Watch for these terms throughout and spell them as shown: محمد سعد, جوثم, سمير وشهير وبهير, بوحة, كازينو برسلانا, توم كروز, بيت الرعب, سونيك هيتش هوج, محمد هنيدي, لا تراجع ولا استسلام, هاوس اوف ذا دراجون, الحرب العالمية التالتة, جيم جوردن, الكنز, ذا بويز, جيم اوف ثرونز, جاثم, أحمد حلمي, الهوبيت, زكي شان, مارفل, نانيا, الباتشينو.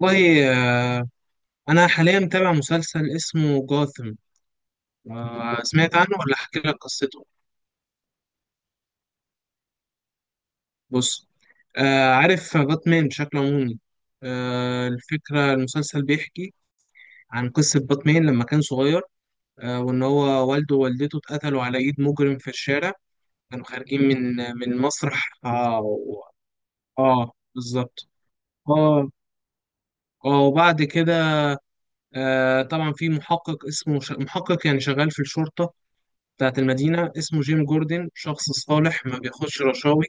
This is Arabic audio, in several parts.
والله، آه، أنا حاليا متابع مسلسل اسمه جاثم. سمعت عنه ولا أحكي لك قصته؟ بص. عارف باتمان بشكل عمومي. الفكرة المسلسل بيحكي عن قصة باتمان لما كان صغير، وإن هو والده ووالدته اتقتلوا على إيد مجرم في الشارع. كانوا خارجين من مسرح بالظبط. آه وبعد كده، طبعا في محقق اسمه محقق، يعني شغال في الشرطة بتاعت المدينة، اسمه جيم جوردن، شخص صالح ما بياخدش رشاوي.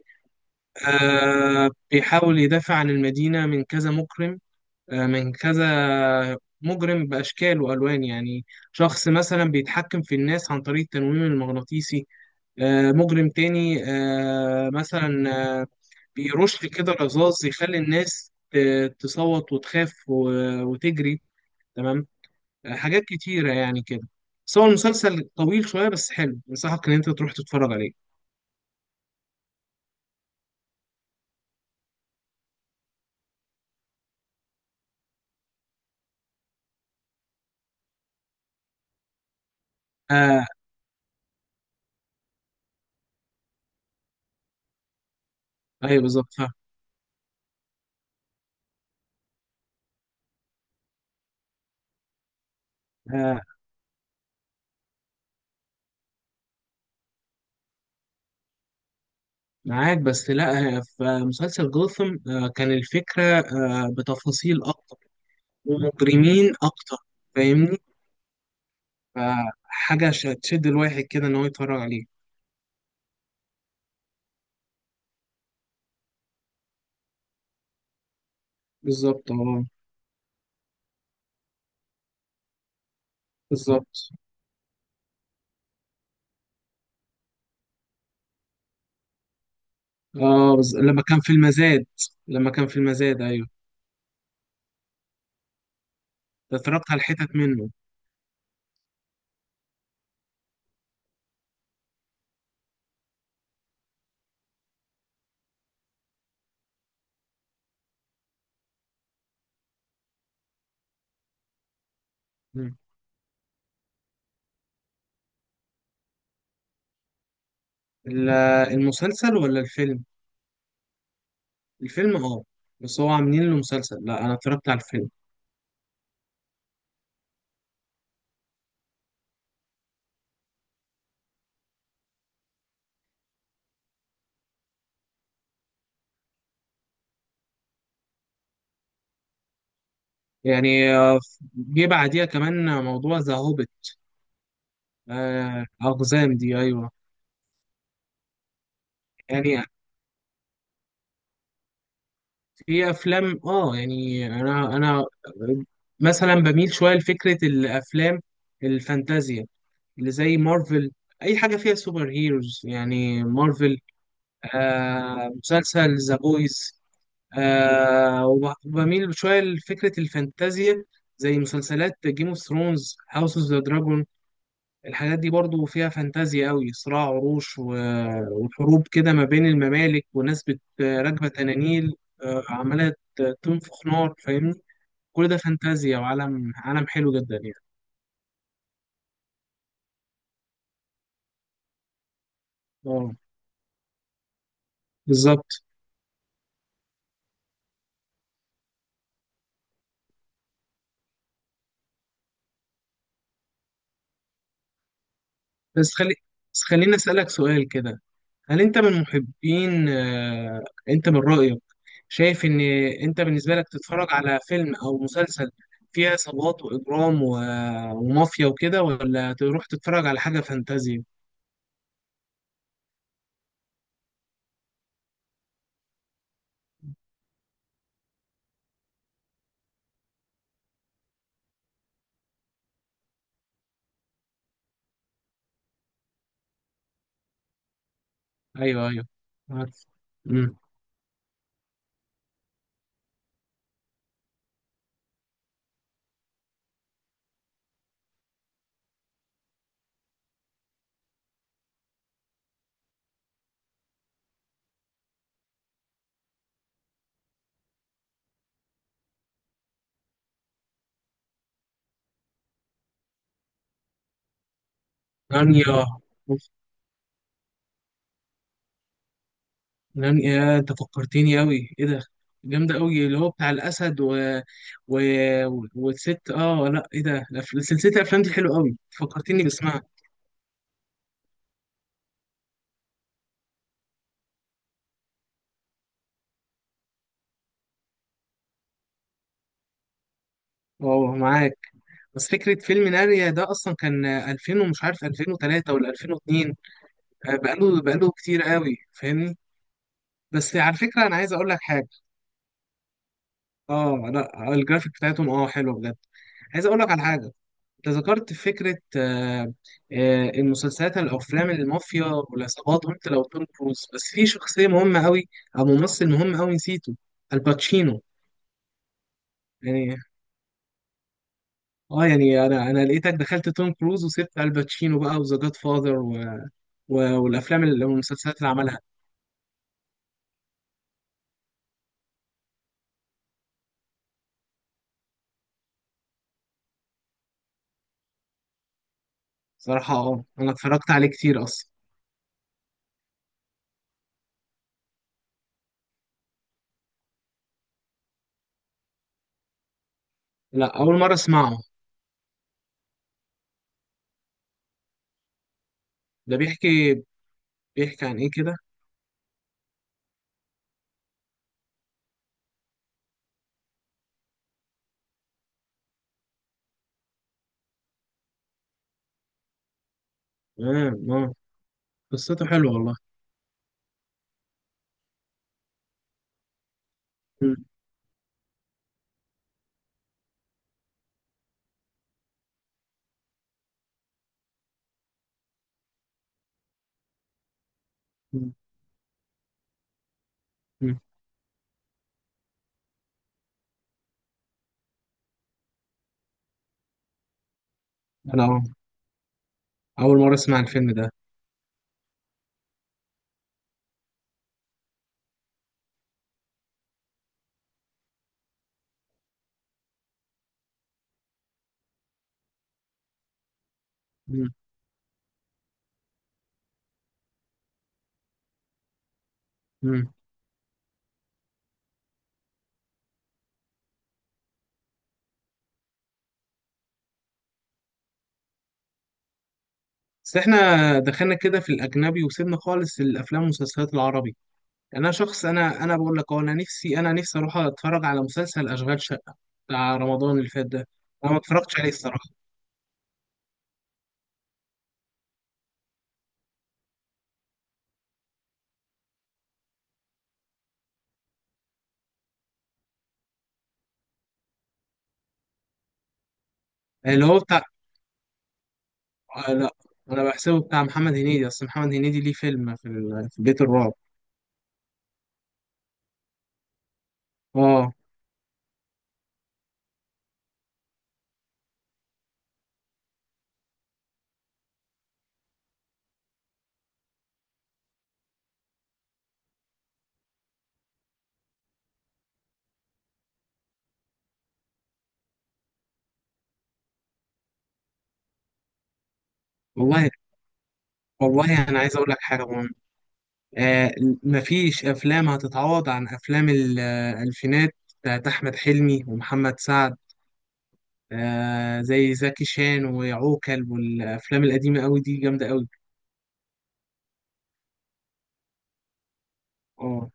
بيحاول يدافع عن المدينة من كذا مكرم، من كذا مجرم بأشكال وألوان يعني. شخص مثلا بيتحكم في الناس عن طريق التنويم المغناطيسي، مجرم تاني مثلا، آه بيرش كده رذاذ يخلي الناس تصوت وتخاف وتجري. تمام. حاجات كتيرة يعني كده. بس هو المسلسل طويل شوية بس حلو، أنصحك إن أنت تروح تتفرج عليه. آه ايوه، بالظبط فاهم. آه معاك، بس لا. في مسلسل جوثم كان الفكره بتفاصيل اكتر ومجرمين اكتر، فاهمني. فحاجه تشد الواحد كده ان هو يتفرج عليه. بالظبط، اه. بالظبط، اه. لما كان في المزاد. لما كان في المزاد، ايوه. ده اتفرجت على حتت منه. مم. ال- المسلسل ولا الفيلم؟ الفيلم، اه. بس هو عاملين له مسلسل، لا انا اتفرجت على الفيلم. يعني جه بعديها كمان موضوع ذا هوبيت. أقزام دي، أيوه. يعني في أفلام يعني أنا مثلا بميل شوية لفكرة الأفلام الفانتازيا، اللي زي مارفل. أي حاجة فيها سوبر هيروز يعني مارفل. مسلسل ذا بويز. وبميل شوية لفكرة الفانتازيا، زي مسلسلات جيم اوف ثرونز، هاوس اوف ذا دراجون. الحاجات دي برضو فيها فانتازيا قوي، صراع عروش وحروب كده ما بين الممالك، وناس راكبة تنانيل، عمالة تنفخ نار، فاهمني. كل ده فانتازيا، وعالم عالم حلو جدا يعني. اه، بالظبط. بس خلي بس خليني أسألك سؤال كده. هل انت من محبين، انت من رأيك، شايف ان، انت بالنسبة لك تتفرج على فيلم او مسلسل فيه عصابات واجرام ومافيا وكده، ولا تروح تتفرج على حاجة فانتازيا؟ ايوه، ايوه، عارف. امم نانيا. أوف. نانيا، يا انت فكرتني قوي، ايه ده؟ جامده قوي، اللي هو بتاع الاسد، و... و... والست، اه لا، ايه ده؟ سلسله الافلام دي حلوه قوي، فكرتني باسمها. اه، معاك. بس فكره فيلم ناريا ده اصلا كان 2000، ومش عارف 2003 ولا 2002. بقاله كتير قوي، فاهمني. بس على فكره انا عايز اقول لك حاجه. اه لا، الجرافيك بتاعتهم اه حلوه بجد. عايز اقول لك على حاجه. انت ذكرت فكره المسلسلات الافلام، المافيا والعصابات، وانت لو توم كروز. بس في شخصيه مهمه قوي او ممثل مهم قوي نسيته، الباتشينو. يعني اه يعني انا لقيتك دخلت توم كروز وسبت الباتشينو بقى، وذا جاد فاذر، و... و... والمسلسلات اللي عملها. صراحه اه انا اتفرجت عليه كتير اصلا. لا، اول مره اسمعه. ده بيحكي بيحكي عن ايه كده؟ اه، اه، قصته حلوه والله. مم. مم. انا اول مره اسمع الفيلم ده. مم. مم. بس احنا دخلنا كده في الاجنبي، وسيبنا خالص الافلام والمسلسلات العربي. انا شخص، انا بقول لك أهو، انا نفسي اروح اتفرج على مسلسل اشغال شقه بتاع رمضان اللي فات ده. انا ما اتفرجتش عليه الصراحه. اللي هو بتاع، آه لا، انا بحسبه بتاع محمد هنيدي، اصل محمد هنيدي ليه فيلم في بيت الرعب. اه، والله. والله انا عايز اقول لك حاجه. آه، مفيش أفلام هتتعوض عن أفلام الألفينات بتاعت أحمد حلمي ومحمد سعد. زي زكي شان وعوكل، والأفلام القديمة أوي دي جامدة أوي. اه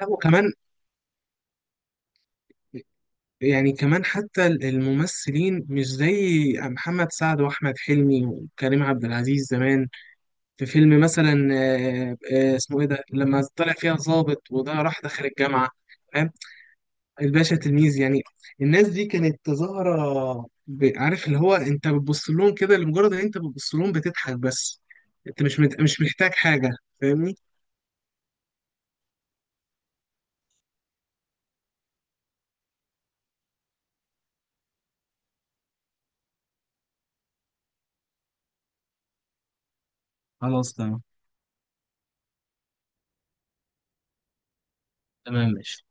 لا، وكمان يعني كمان، حتى الممثلين مش زي محمد سعد وأحمد حلمي وكريم عبد العزيز زمان. في فيلم مثلا اسمه إيه ده؟ لما طلع فيها ظابط وده راح دخل الجامعة. الباشا تلميذ، يعني. الناس دي كانت ظاهرة، عارف اللي هو انت بتبص لهم كده، لمجرد ان انت بتبص لهم بتضحك بس. انت مش محتاج حاجة، فاهمني. خلاص تمام. تمام، ماشي